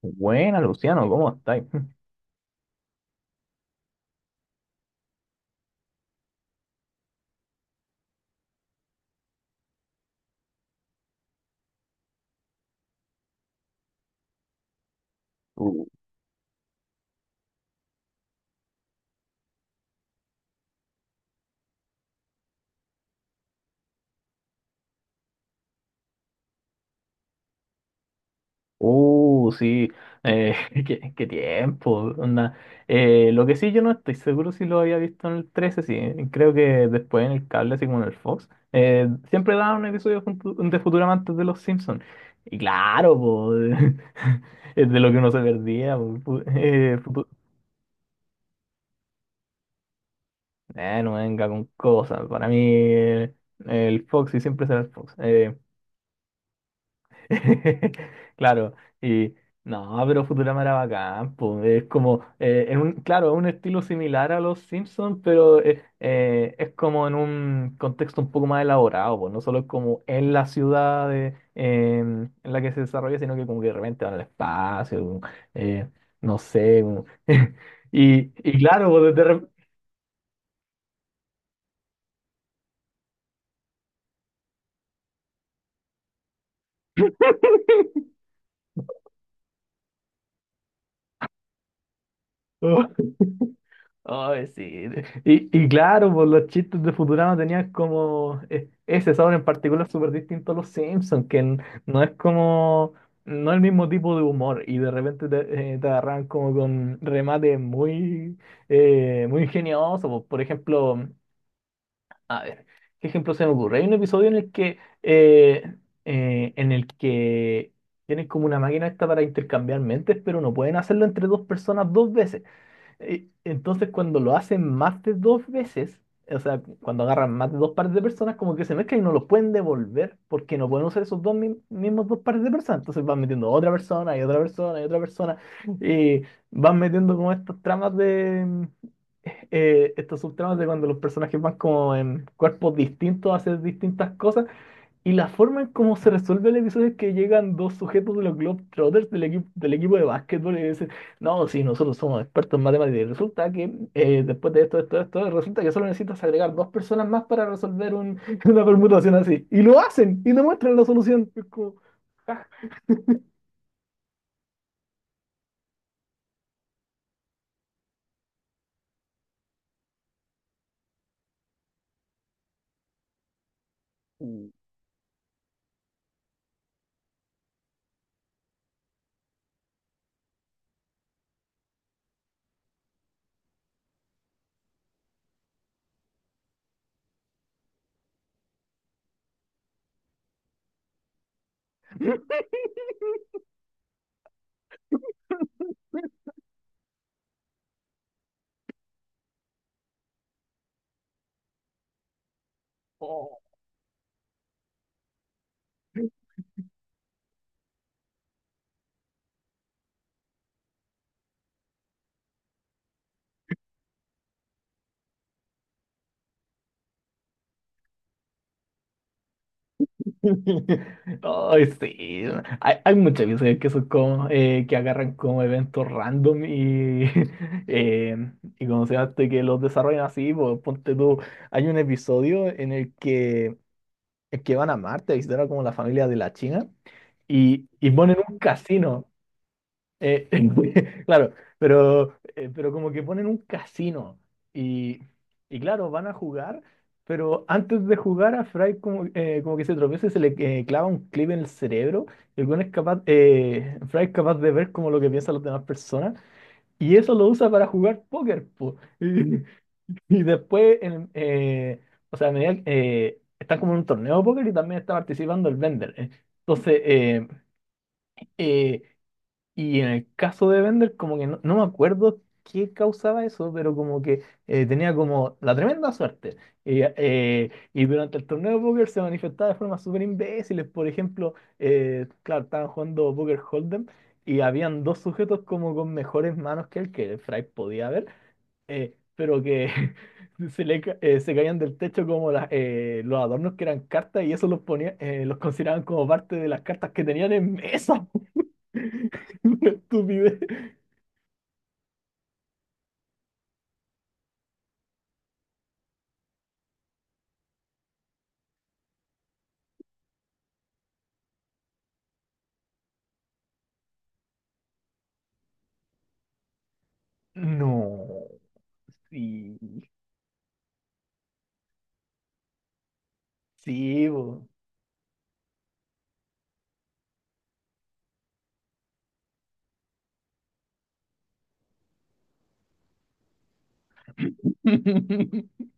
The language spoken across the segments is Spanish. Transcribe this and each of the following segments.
Buena, Luciano, ¿cómo estáis? Uh, sí, eh, qué tiempo. Onda. Lo que sí, yo no estoy seguro si lo había visto en el trece, sí. Creo que después en el cable, así como en el Fox, siempre daban un episodio de Futurama antes de Los Simpsons. Y claro, po, es de lo que uno se perdía. Po, no venga con cosas. Para mí, el Fox y siempre será el Fox. Claro, y no, pero Futurama era bacán, po. Es como, en un, claro, es un estilo similar a los Simpsons, pero es como en un contexto un poco más elaborado, po. No solo es como en la ciudad de, en la que se desarrolla, sino que como que de repente van al espacio, eh, no sé. Y, y claro, pues, de repente. Ay, sí. Y claro, pues los chistes de Futurama tenían como ese sabor en particular súper distinto a los Simpsons, que n- no es como, no es el mismo tipo de humor y de repente te, te agarran como con remates muy, muy ingeniosos. Pues, Por ejemplo, a ver, ¿qué ejemplo se me ocurre? Hay un episodio en el que tienen como una máquina esta para intercambiar mentes, pero no pueden hacerlo entre dos personas dos veces. Entonces, cuando lo hacen más de dos veces, o sea, cuando agarran más de dos pares de personas, como que se mezclan y no los pueden devolver porque no pueden usar esos dos mi- mismos dos pares de personas. Entonces van metiendo otra persona y otra persona y otra persona y van metiendo como estas tramas de, mm, estos subtramas de cuando los personajes van como en cuerpos distintos a hacer distintas cosas. Y la forma en cómo se resuelve el episodio es que llegan dos sujetos de los Globetrotters del equipo de básquetbol y dicen, no, sí, nosotros somos expertos en matemáticas. Y resulta que después de esto, esto, esto, resulta que solo necesitas agregar dos personas más para resolver un- una permutación así. Y lo hacen y demuestran la solución. Es como, Ay, sí. Hay muchas veces que son como, que agarran como eventos random y, eh, y como se llama, esto, y que los desarrollan así, pues, ponte tú, hay un episodio en el que van a Marte a visitar a como la familia de la China y ponen un casino, eh, claro, pero como que ponen un casino y, y claro, van a jugar, pero antes de jugar a Fry como, como que se tropieza y se le clava un clip en el cerebro. El weón es capaz, Fry es capaz de ver como lo que piensan las demás personas y eso lo usa para jugar póker, po. Y, y después, o sea, a medida, están como en un torneo de póker y también está participando el Bender. Entonces, eh, y en el caso de Bender, como que no, no me acuerdo qué causaba eso, pero como que tenía como la tremenda suerte. Y durante el torneo de póker se manifestaba de formas súper imbéciles. Por ejemplo, claro, estaban jugando Poker Hold'em y habían dos sujetos como con mejores manos que él, que el Fry podía ver, pero que se caían del techo como las, los adornos que eran cartas y eso los ponía, los consideraban como parte de las cartas que tenían en mesa. Una estupidez. No, sí, sí, bo.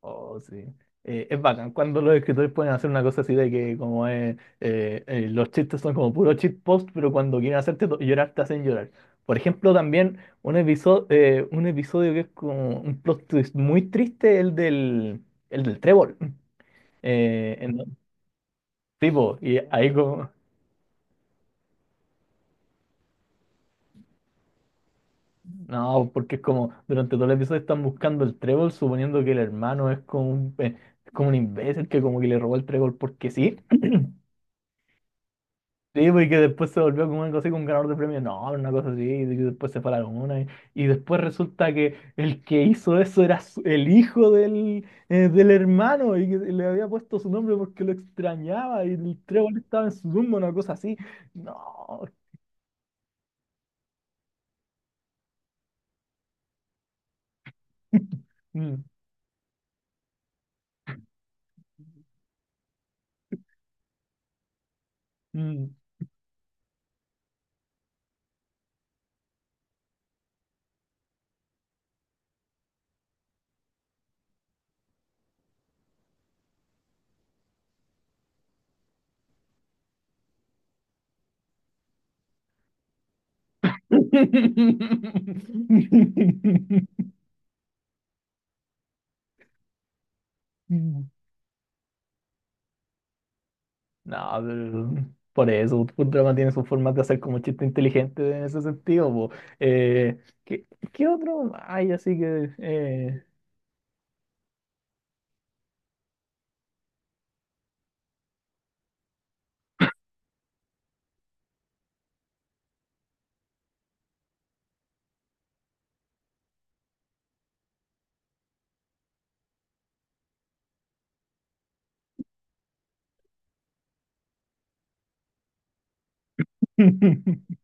Oh, sí. Es bacán cuando los escritores pueden hacer una cosa así de que como es, los chistes son como puro cheat post, pero cuando quieren hacerte llorar te hacen llorar. Por ejemplo, también un episodio que es como un plot twist muy triste, el del trébol. Eh, en- Tipo, y ahí como, no, porque es como durante todo el episodio están buscando el trébol, suponiendo que el hermano es como es como un imbécil que como que le robó el trébol porque sí. Sí, pues, y que después se volvió como algo así, como un ganador de premios. No, una cosa así, y que después se fue a la luna. Y después resulta que el que hizo eso el hijo del, del hermano y que le había puesto su nombre porque lo extrañaba y el trébol estaba en su tumba, una cosa así. No. Mm, mm. No, pero por eso, Futurama tiene sus formas de hacer como chiste inteligente en ese sentido, po. Eh, ¿Qué, qué otro hay así que...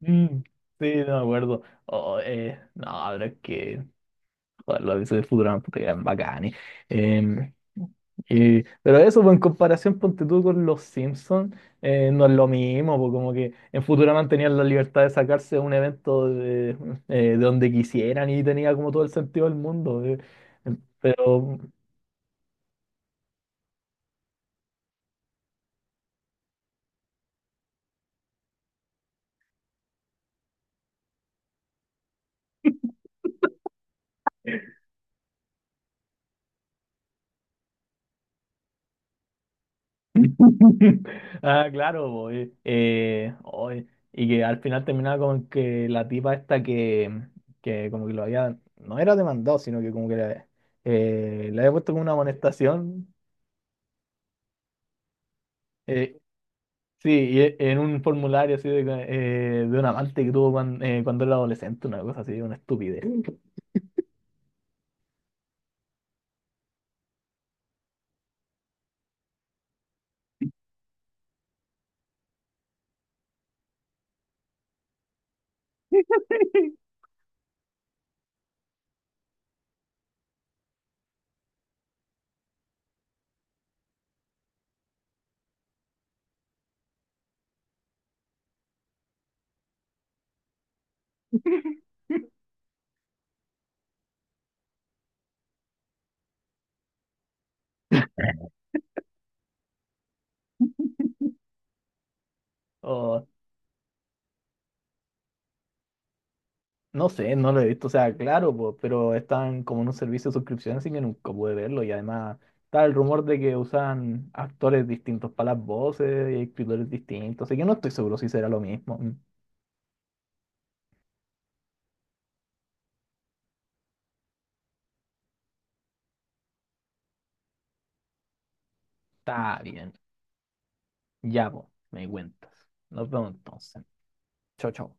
Mm, sí, no me acuerdo. Oh, no, pero es que... Los avisos de Futurama, puta, que eran bacanes. Em, pero eso, pues, en comparación, ponte tú con los Simpsons, no es lo mismo, pues, como que en Futurama tenían la libertad de sacarse un evento de donde quisieran y tenía como todo el sentido del mundo. Pero, ah, claro, pues, oye, y que al final terminaba con que la tipa esta que como que lo había, no era demandado, sino que como que la, le había puesto como una amonestación. Eh, sí, y en un formulario así de un amante que tuvo cuando, cuando era adolescente, una cosa así, una estupidez. O, no sé, no lo he visto, o sea, claro, po, pero están como en un servicio de suscripción, así que nunca pude verlo. Y además está el rumor de que usan actores distintos para las voces y escritores distintos, así que no estoy seguro si será lo mismo. Mm. Está bien, ya, po, me cuentas. Nos vemos entonces. Chao, chao.